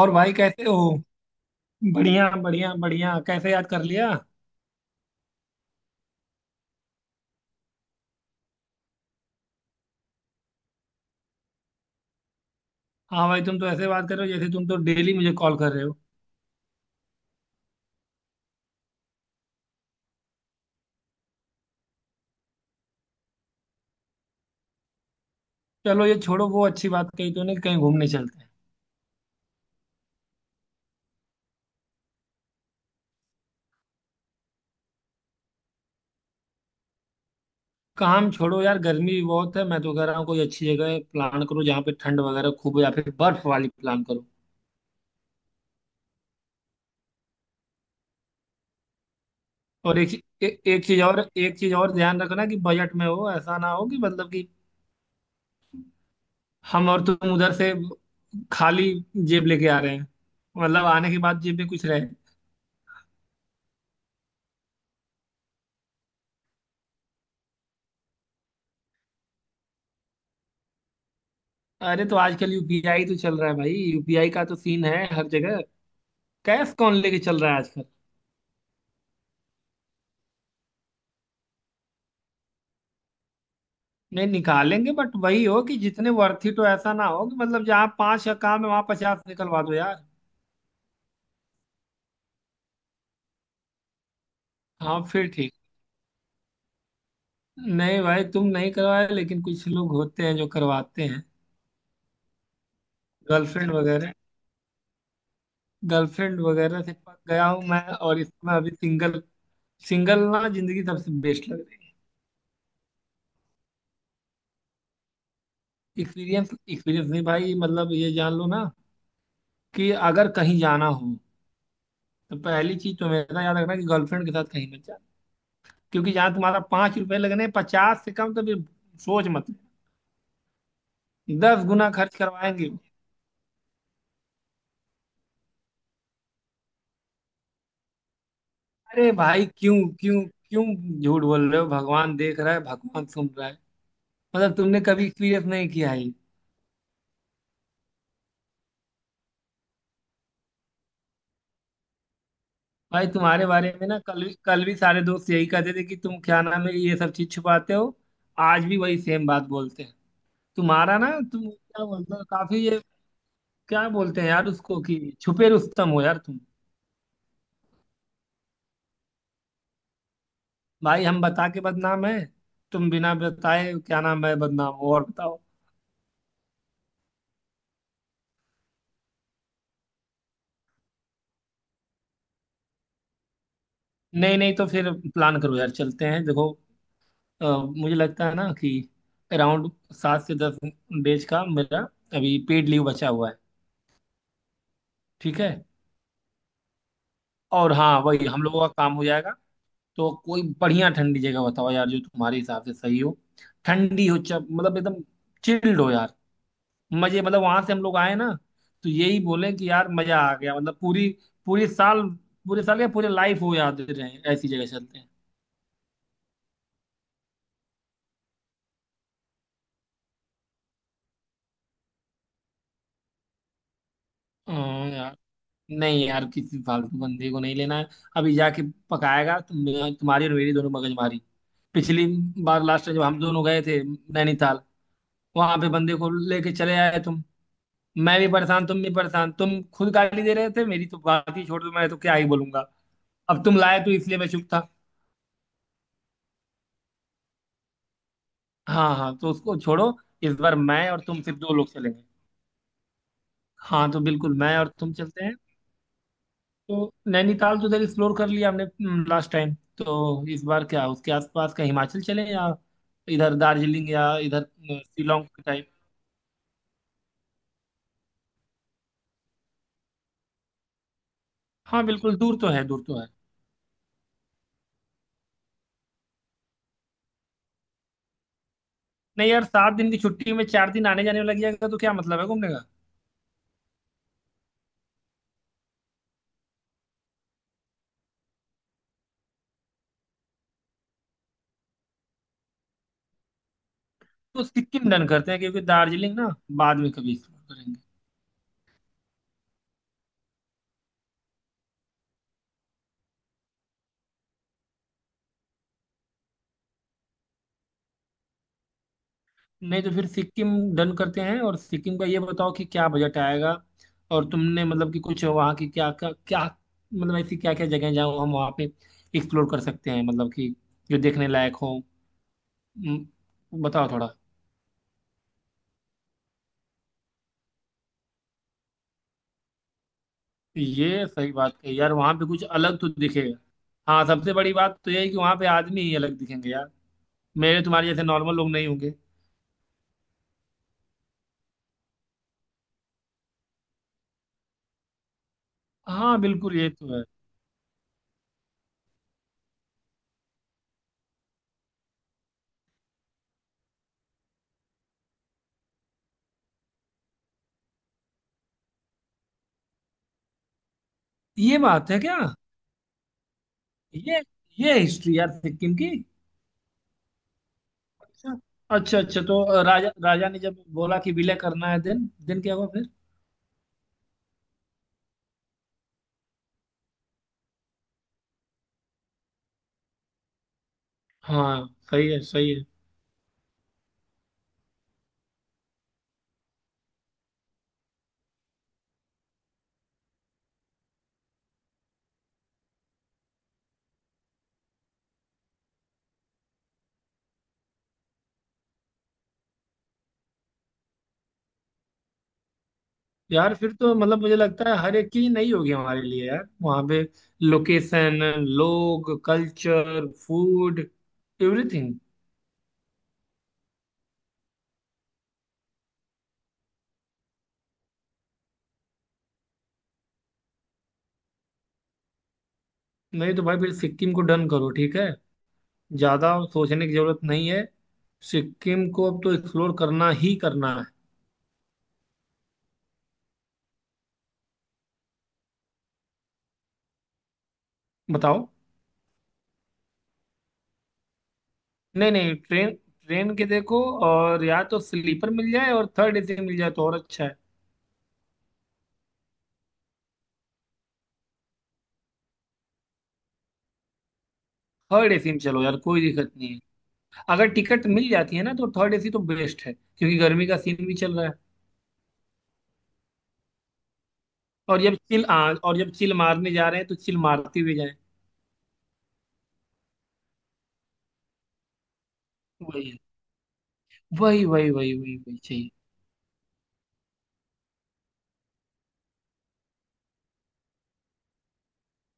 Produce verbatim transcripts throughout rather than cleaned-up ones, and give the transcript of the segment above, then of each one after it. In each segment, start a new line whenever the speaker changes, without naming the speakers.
और भाई कैसे हो? बढ़िया बढ़िया बढ़िया। कैसे याद कर लिया? हाँ भाई, तुम तो ऐसे बात कर रहे हो जैसे तुम तो डेली मुझे कॉल कर रहे हो। चलो, ये छोड़ो। वो अच्छी बात कही तूने कि कहीं घूमने चलते हैं। काम छोड़ो यार, गर्मी भी बहुत है। मैं तो कह रहा हूँ कोई अच्छी जगह प्लान करो जहाँ पे ठंड वगैरह खूब हो, या फिर बर्फ वाली प्लान करो। और एक ए, एक चीज और एक चीज और ध्यान रखना कि बजट में हो। ऐसा ना हो कि मतलब कि हम और तुम उधर से खाली जेब लेके आ रहे हैं। मतलब आने के बाद जेब में कुछ रहे। अरे, तो आजकल यूपीआई तो चल रहा है भाई, यूपीआई का तो सीन है हर जगह। कैश कौन लेके चल रहा है आजकल? नहीं निकालेंगे, बट वही हो कि जितने वर्थ इट हो। ऐसा ना हो कि मतलब जहाँ पांच का काम है वहां पचास निकलवा दो यार। हाँ, फिर ठीक। नहीं भाई, तुम नहीं करवाए, लेकिन कुछ लोग होते हैं जो करवाते हैं। गर्लफ्रेंड वगैरह। गर्लफ्रेंड वगैरह से पक गया हूँ मैं। और इसमें अभी सिंगल। सिंगल ना, जिंदगी सबसे बेस्ट लग रही है। एक्सपीरियंस। एक्सपीरियंस नहीं भाई, मतलब ये जान लो ना कि अगर कहीं जाना हो तो पहली चीज तो मेरा याद रखना कि गर्लफ्रेंड के साथ कहीं मत जाना। क्योंकि जहां तुम्हारा पांच रुपए लगने, पचास से कम तो फिर सोच मत लेना। दस गुना खर्च करवाएंगे। अरे भाई क्यों क्यों क्यों? झूठ बोल रहे हो, भगवान देख रहा है, भगवान सुन रहा है। मतलब तुमने कभी एक्सपीरियंस नहीं किया है ये। भाई तुम्हारे बारे में ना, कल भी कल भी सारे दोस्त यही कहते थे कि तुम क्या नाम है ये सब चीज छुपाते हो। आज भी वही सेम बात बोलते हैं। तुम्हारा ना, तुम क्या बोलते हो काफी ये, क्या बोलते हैं यार उसको, कि छुपे रुस्तम हो यार तुम। भाई, हम बता के बदनाम है, तुम बिना बताए क्या नाम है बदनाम हो। और बताओ। नहीं नहीं, तो फिर प्लान करो यार, चलते हैं देखो। अ, मुझे लगता है ना कि अराउंड सात से दस डेज का मेरा अभी पेड लीव बचा हुआ है। ठीक है। और हाँ, वही हम लोगों का काम हो जाएगा। तो कोई बढ़िया ठंडी जगह बताओ यार जो तुम्हारे हिसाब से सही हो। ठंडी हो, चप मतलब एकदम चिल्ड हो यार। मजे, मतलब वहां से हम लोग आए ना तो यही बोले कि यार मजा आ गया। मतलब पूरी, पूरी साल, पूरे साल या पूरे लाइफ हो, याद रहे, ऐसी जगह चलते हैं। हाँ यार। नहीं यार, किसी फालतू बंदे को नहीं लेना है। अभी जाके पकाएगा तुम, तुम्हारी और मेरी दोनों मगजमारी। पिछली बार, लास्ट जब हम दोनों गए थे नैनीताल, वहां पे बंदे को लेके चले आए तुम। मैं भी परेशान, तुम भी परेशान, तुम खुद गाली दे रहे थे। मेरी तो बात ही छोड़ दो, मैं तो क्या ही बोलूंगा। अब तुम लाए तो इसलिए मैं चुप था। हाँ हाँ, तो उसको छोड़ो। इस बार मैं और तुम सिर्फ दो लोग चलेंगे। हाँ, तो बिल्कुल मैं और तुम चलते हैं। तो नैनीताल तो उधर एक्सप्लोर कर लिया हमने लास्ट टाइम। तो इस बार क्या, उसके आसपास का हिमाचल चलें, या इधर दार्जिलिंग, या इधर अ, शिलोंग टाइप। हाँ बिल्कुल, दूर तो है, दूर तो है। नहीं यार, सात दिन की छुट्टी में चार दिन आने जाने में लग जाएगा तो क्या मतलब है घूमने का। तो सिक्किम डन करते हैं, क्योंकि दार्जिलिंग ना बाद में कभी एक्सप्लोर करेंगे। नहीं तो फिर सिक्किम डन करते हैं। और सिक्किम का ये बताओ कि क्या बजट आएगा। और तुमने मतलब कि कुछ वहाँ की क्या क्या, क्या मतलब ऐसी क्या क्या जगह जहाँ हम वहाँ पे एक्सप्लोर कर सकते हैं, मतलब कि जो देखने लायक हो। हम्म, बताओ थोड़ा। ये सही बात है यार, वहाँ पे कुछ अलग तो दिखेगा। हाँ, सबसे बड़ी बात तो यही कि वहाँ पे आदमी ही अलग दिखेंगे यार। मेरे तुम्हारे जैसे नॉर्मल लोग नहीं होंगे। हाँ बिल्कुल, ये तो है। ये बात है क्या? ये ये हिस्ट्री यार, सिक्किम की। अच्छा अच्छा अच्छा, तो राजा राजा ने जब बोला कि विलय करना है, देन देन क्या हुआ फिर? हाँ सही है, सही है। यार फिर तो मतलब मुझे लगता है हर एक चीज नई होगी हमारे लिए यार वहाँ पे। लोकेशन, लोग, कल्चर, फूड, एवरीथिंग। नहीं तो भाई, फिर सिक्किम को डन करो, ठीक है। ज्यादा सोचने की जरूरत नहीं है। सिक्किम को अब तो एक्सप्लोर करना ही करना है। बताओ। नहीं नहीं, ट्रेन ट्रेन के देखो। और या तो स्लीपर मिल जाए, और थर्ड एसी मिल जाए तो और अच्छा है। थर्ड एसी में चलो यार, कोई दिक्कत नहीं है। अगर टिकट मिल जाती है ना तो थर्ड एसी तो बेस्ट है, क्योंकि गर्मी का सीन भी चल रहा है। और जब चिल आ, और जब चिल मारने जा रहे हैं तो चिल मारते हुए जाएं। वही है, वही वही वही वही वही चाहिए।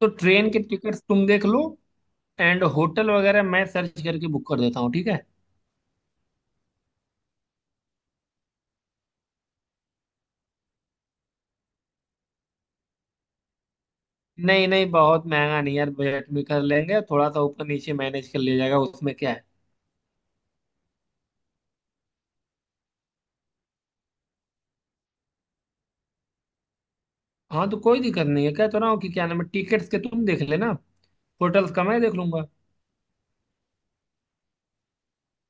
तो ट्रेन के टिकट्स तुम देख लो, एंड होटल वगैरह मैं सर्च करके बुक कर देता हूँ, ठीक है। नहीं नहीं, बहुत महंगा नहीं यार, बजट में कर लेंगे, थोड़ा सा ऊपर नीचे मैनेज कर लिया जाएगा, उसमें क्या है। हाँ, तो कोई दिक्कत नहीं है, कहता रहा हूँ कि क्या नाम है, टिकट्स के तुम देख लेना, होटल्स का मैं देख लूंगा।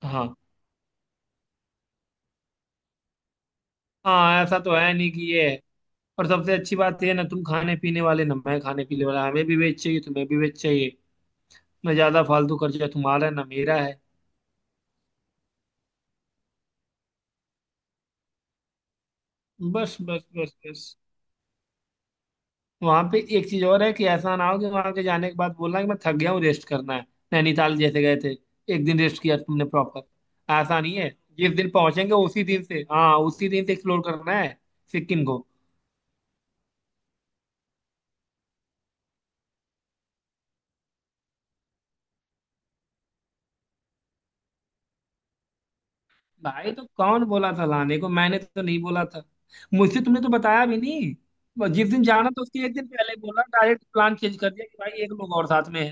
हाँ हाँ, ऐसा तो है नहीं कि ये। और सबसे अच्छी बात ये है ना, तुम खाने पीने वाले ना, मैं खाने पीने वाला, हमें भी वेज चाहिए, तुम्हें भी वेज चाहिए। ना ज्यादा फालतू खर्चा तुम्हारा है, ना मेरा है। बस बस बस बस। वहां पे एक चीज और है कि ऐसा ना हो कि वहां के जाने के बाद बोलना कि मैं थक गया हूँ, रेस्ट करना है। नैनीताल जैसे गए थे, एक दिन रेस्ट किया तुमने प्रॉपर। ऐसा नहीं है। जिस दिन पहुंचेंगे उसी दिन से, हाँ उसी दिन से एक्सप्लोर करना है सिक्किम को। भाई तो कौन बोला था लाने को, मैंने तो नहीं बोला था। मुझसे तुमने तो बताया भी नहीं। ब- जिस दिन जाना था उसके एक दिन पहले बोला, डायरेक्ट प्लान चेंज कर दिया कि भाई एक लोग और साथ में है।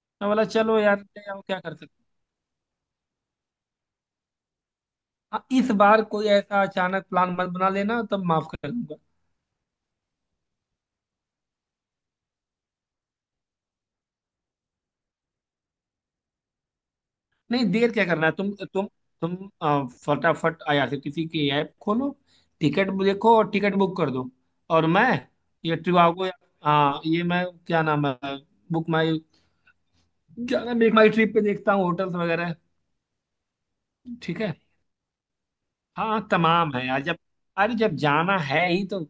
मैं बोला चलो यार ले आओ, क्या कर सकते हैं। हाँ, इस बार कोई ऐसा अचानक प्लान मत बना लेना, तब माफ कर दूंगा। नहीं, देर क्या करना है, तुम तुम तुम अ, फटाफट आईआरसीटीसी की ऐप खोलो, टिकट देखो और टिकट बुक कर दो। और मैं, ये ट्रिवागो, हाँ ये मैं क्या नाम है, बुक माई, ज्यादा मेक माई ट्रिप पे देखता हूँ होटल्स वगैरह। ठीक है। हाँ तमाम है यार, जब अरे जब जाना है ही तो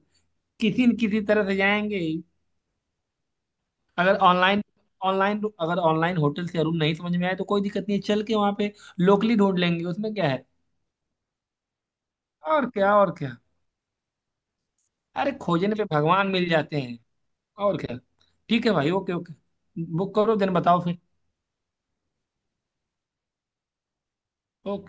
किसी न किसी तरह से जाएंगे ही। अगर ऑनलाइन ऑनलाइन अगर ऑनलाइन होटल से रूम नहीं समझ में आए तो कोई दिक्कत नहीं है, चल के वहां पे लोकली ढूंढ लेंगे, उसमें क्या है। और क्या, और क्या। अरे खोजने पे भगवान मिल जाते हैं। और क्या। ठीक है भाई, ओके ओके, बुक करो, दिन बताओ फिर। ओके।